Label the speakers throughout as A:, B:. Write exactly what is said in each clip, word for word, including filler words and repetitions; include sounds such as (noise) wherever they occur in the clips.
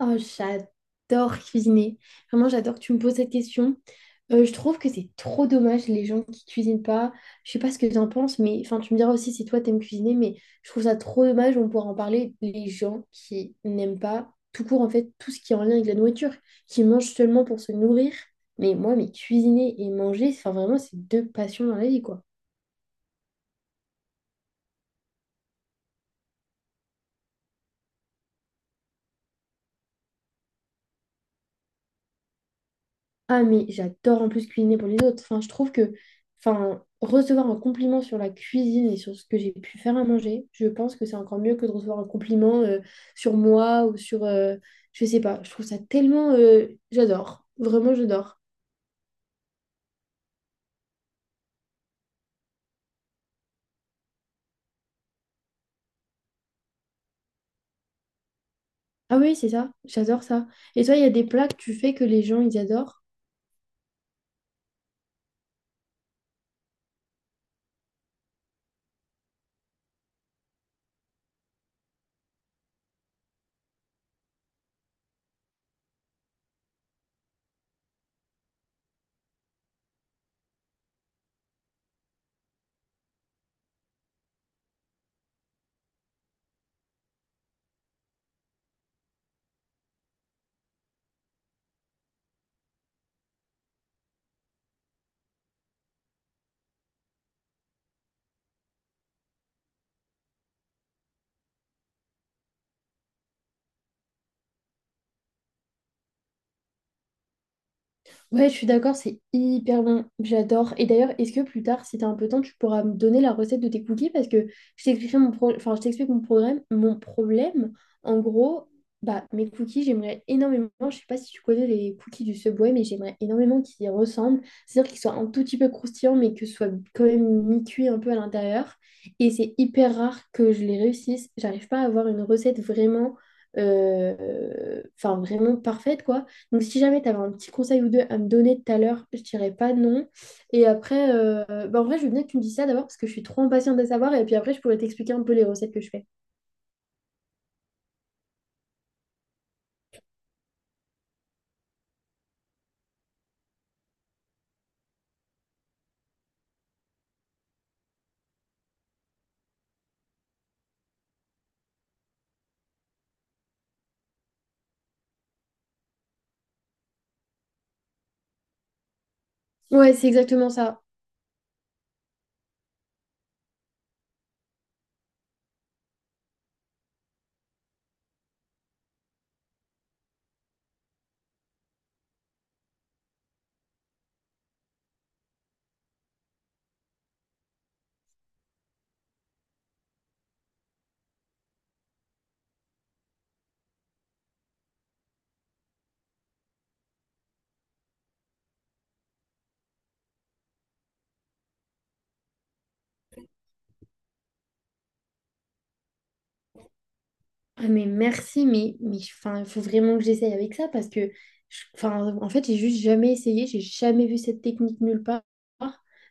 A: Oh, j'adore cuisiner. Vraiment, j'adore que tu me poses cette question. Euh, je trouve que c'est trop dommage les gens qui cuisinent pas. Je sais pas ce que tu en penses, mais enfin, tu me diras aussi si toi t'aimes cuisiner, mais je trouve ça trop dommage. On pourra en parler. Les gens qui n'aiment pas tout court en fait tout ce qui est en lien avec la nourriture, qui mangent seulement pour se nourrir. Mais moi, mais cuisiner et manger, enfin vraiment, c'est deux passions dans la vie, quoi. Ah, mais j'adore en plus cuisiner pour les autres. Enfin, je trouve que enfin, recevoir un compliment sur la cuisine et sur ce que j'ai pu faire à manger, je pense que c'est encore mieux que de recevoir un compliment euh, sur moi ou sur... euh, je sais pas, je trouve ça tellement... euh, j'adore, vraiment j'adore. Ah oui, c'est ça, j'adore ça. Et toi, il y a des plats que tu fais que les gens, ils adorent? Ouais, je suis d'accord, c'est hyper bon. J'adore. Et d'ailleurs, est-ce que plus tard, si t'as un peu de temps, tu pourras me donner la recette de tes cookies? Parce que je t'expliquerai mon pro- enfin, je t'explique mon programme, mon problème. En gros, bah, mes cookies, j'aimerais énormément. Je sais pas si tu connais les cookies du Subway, mais j'aimerais énormément qu'ils y ressemblent. C'est-à-dire qu'ils soient un tout petit peu croustillants, mais que ce soit quand même mi-cuit un peu à l'intérieur. Et c'est hyper rare que je les réussisse. J'arrive pas à avoir une recette vraiment, euh, enfin, vraiment parfaite, quoi. Donc, si jamais tu avais un petit conseil ou deux à me donner tout à l'heure, je dirais pas non. Et après, euh, bah, en vrai, je veux bien que tu me dises ça d'abord parce que je suis trop impatiente de savoir. Et puis après, je pourrais t'expliquer un peu les recettes que je fais. Ouais, c'est exactement ça. Ah, mais merci, mais, mais enfin, il faut vraiment que j'essaye avec ça parce que, je- enfin, en fait, j'ai juste jamais essayé. J'ai jamais vu cette technique nulle part.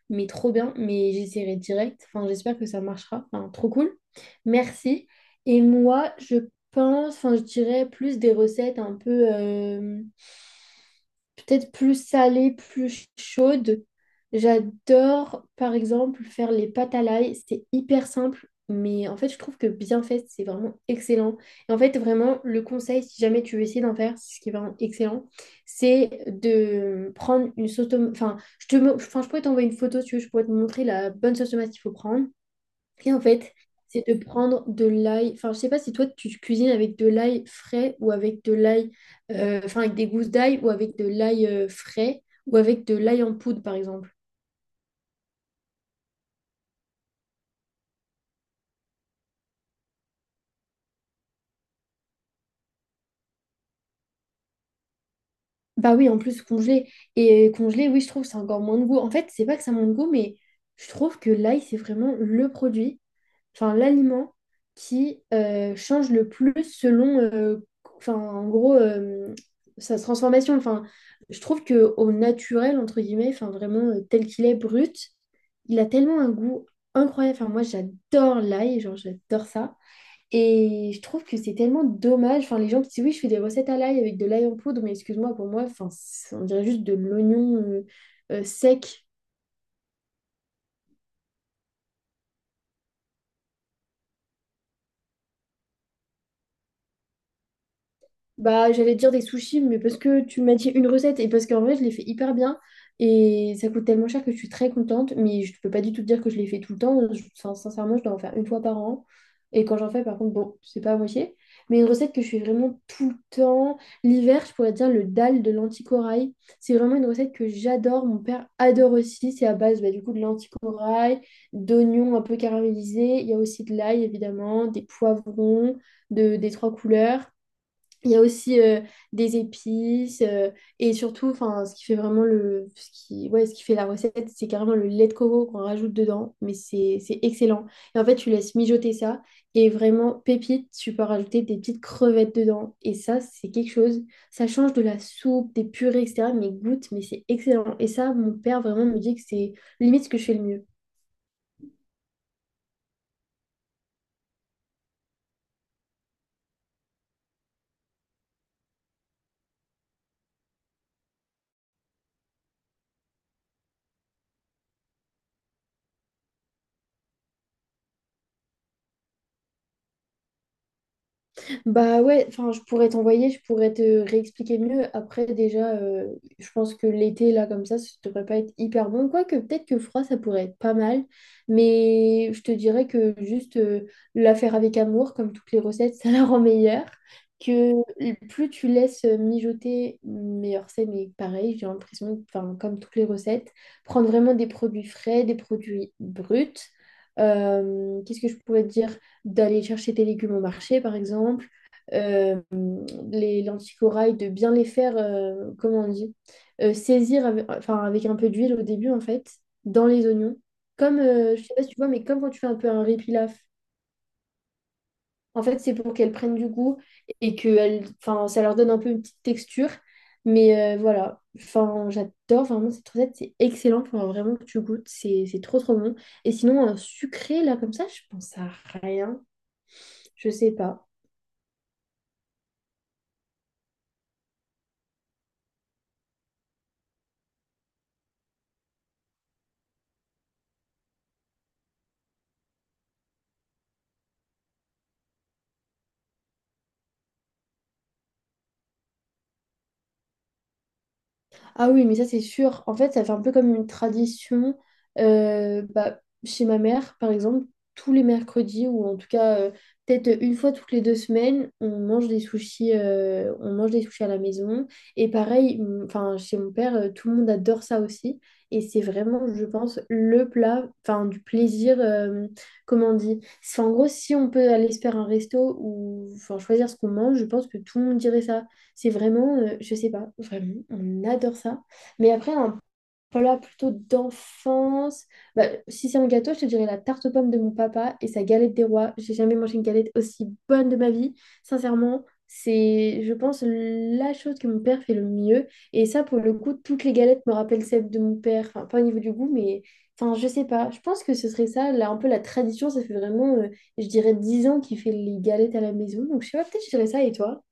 A: Mais trop bien. Mais j'essaierai direct. Enfin, j'espère que ça marchera. Enfin, trop cool. Merci. Et moi, je pense, enfin, je dirais plus des recettes un peu. euh, peut-être plus salée, plus chaude. J'adore, par exemple, faire les pâtes à l'ail. C'est hyper simple, mais en fait, je trouve que bien fait, c'est vraiment excellent. Et en fait, vraiment, le conseil, si jamais tu veux essayer d'en faire, c'est ce qui est vraiment excellent, c'est de prendre une sauce tomate. Enfin, je te... mo- enfin, je pourrais t'envoyer une photo, si tu veux, je pourrais te montrer la bonne sauce tomate qu'il faut prendre. Et en fait, c'est de prendre de l'ail. Enfin, je sais pas si toi tu cuisines avec de l'ail frais ou avec de l'ail, euh, enfin avec des gousses d'ail ou avec de l'ail euh, frais ou avec de l'ail en poudre par exemple. Bah oui, en plus congelé. Et congelé, oui, je trouve que c'est encore moins de goût. En fait, c'est pas que ça manque de goût, mais je trouve que l'ail, c'est vraiment le produit, enfin l'aliment qui euh, change le plus selon, euh, enfin en gros, euh, sa transformation. Enfin, je trouve que au naturel, entre guillemets, enfin vraiment euh, tel qu'il est brut, il a tellement un goût incroyable. Enfin, moi, j'adore l'ail, genre j'adore ça. Et je trouve que c'est tellement dommage. Enfin, les gens qui disent oui, je fais des recettes à l'ail avec de l'ail en poudre, mais excuse-moi, pour moi, enfin, c'est- on dirait juste de l'oignon euh, euh, sec. Bah, j'allais dire des sushis, mais parce que tu m'as dit une recette et parce qu'en vrai, je les fais hyper bien et ça coûte tellement cher que je suis très contente, mais je peux pas du tout te dire que je les fais tout le temps. Je- enfin, sincèrement, je dois en faire une fois par an. Et quand j'en fais, par contre, bon, c'est pas à moitié. Mais une recette que je fais vraiment tout le temps. L'hiver, je pourrais dire le dalle de l'anticorail. C'est vraiment une recette que j'adore. Mon père adore aussi. C'est à base, bah, du coup, de l'anticorail, d'oignons un peu caramélisés. Il y a aussi de l'ail, évidemment, des poivrons de, des trois couleurs. Il y a aussi euh, des épices euh, et surtout, enfin, ce qui fait vraiment le, ce qui, ouais, ce qui fait la recette, c'est carrément le lait de coco qu'on rajoute dedans, mais c'est c'est excellent. Et en fait, tu laisses mijoter ça et vraiment pépite, tu peux rajouter des petites crevettes dedans et ça, c'est quelque chose. Ça change de la soupe, des purées, et cetera. Mais goûte, mais c'est excellent. Et ça, mon père vraiment me dit que c'est limite ce que je fais le mieux. Bah ouais, enfin je pourrais t'envoyer, je pourrais te réexpliquer mieux. Après déjà, euh, je pense que l'été là comme ça, ça devrait pas être hyper bon. Quoique peut-être que froid, ça pourrait être pas mal. Mais je te dirais que juste euh, la faire avec amour, comme toutes les recettes, (laughs) ça la rend meilleure. Que plus tu laisses mijoter, meilleur c'est. Mais pareil, j'ai l'impression, enfin comme toutes les recettes, prendre vraiment des produits frais, des produits bruts. Euh, qu'est-ce que je pourrais te dire? D'aller chercher tes légumes au marché, par exemple, euh, les lentilles de bien les faire, euh, comment on dit, euh, saisir avec, enfin, avec un peu d'huile au début, en fait, dans les oignons. Comme, euh, je sais pas si tu vois, mais comme quand tu fais un peu un riz pilaf. En fait, c'est pour qu'elles prennent du goût et que elles- enfin, ça leur donne un peu une petite texture. Mais euh, voilà, enfin, j'adore vraiment cette recette, c'est excellent, faut vraiment que tu goûtes, c'est c'est trop trop bon. Et sinon, un sucré, là, comme ça, je pense à rien, je sais pas. Ah oui, mais ça c'est sûr. En fait, ça fait un peu comme une tradition euh, bah, chez ma mère, par exemple, tous les mercredis, ou en tout cas euh, peut-être une fois toutes les deux semaines, on mange des sushis, euh, on mange des sushis à la maison. Et pareil, m- enfin, chez mon père, euh, tout le monde adore ça aussi. Et c'est vraiment, je pense, le plat, enfin, du plaisir, euh, comment on dit. C'est- En gros, si on peut aller se faire un resto ou enfin, choisir ce qu'on mange, je pense que tout le monde dirait ça. C'est vraiment, euh, je sais pas, vraiment, on adore ça. Mais après, un plat plutôt d'enfance. Bah, si c'est un gâteau, je te dirais la tarte aux pommes de mon papa et sa galette des rois. J'ai jamais mangé une galette aussi bonne de ma vie. Sincèrement, c'est, je pense, la chose que mon père fait le mieux. Et ça, pour le coup, toutes les galettes me rappellent celles de mon père. Enfin, pas au niveau du goût, mais enfin, je sais pas. Je pense que ce serait ça, là, un peu la tradition. Ça fait vraiment, euh, je dirais, dix ans qu'il fait les galettes à la maison. Donc, je sais pas, peut-être je dirais ça. Et toi?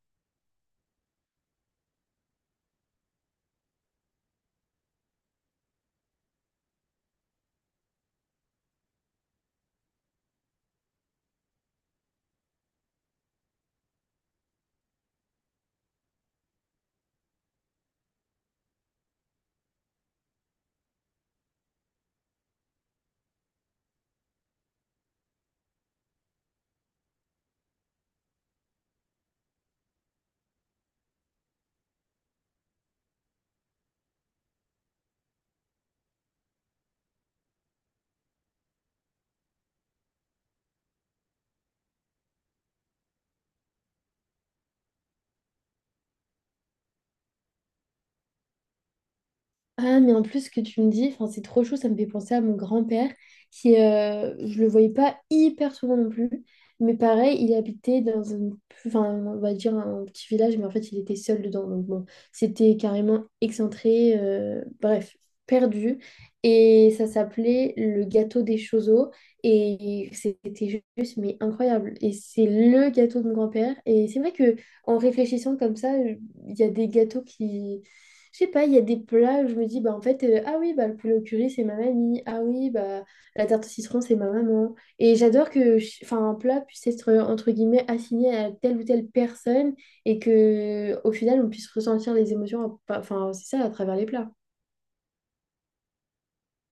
A: Ah, mais en plus, ce que tu me dis, enfin, c'est trop chaud, ça me fait penser à mon grand-père, qui, euh, je le voyais pas hyper souvent non plus, mais pareil, il habitait dans un, enfin, on va dire un petit village, mais en fait, il était seul dedans, donc bon, c'était carrément excentré, euh, bref, perdu, et ça s'appelait le gâteau des Chozos, et c'était juste, mais incroyable, et c'est le gâteau de mon grand-père, et c'est vrai que en réfléchissant comme ça, il y a des gâteaux qui je sais pas, il y a des plats où je me dis, bah en fait, euh, ah oui, bah le poulet au curry, c'est ma mamie. Ah oui, bah la tarte au citron, c'est ma maman. Et j'adore que je- enfin, un plat puisse être, euh, entre guillemets, assigné à telle ou telle personne et que au final, on puisse ressentir les émotions, à- enfin, c'est ça, à travers les plats.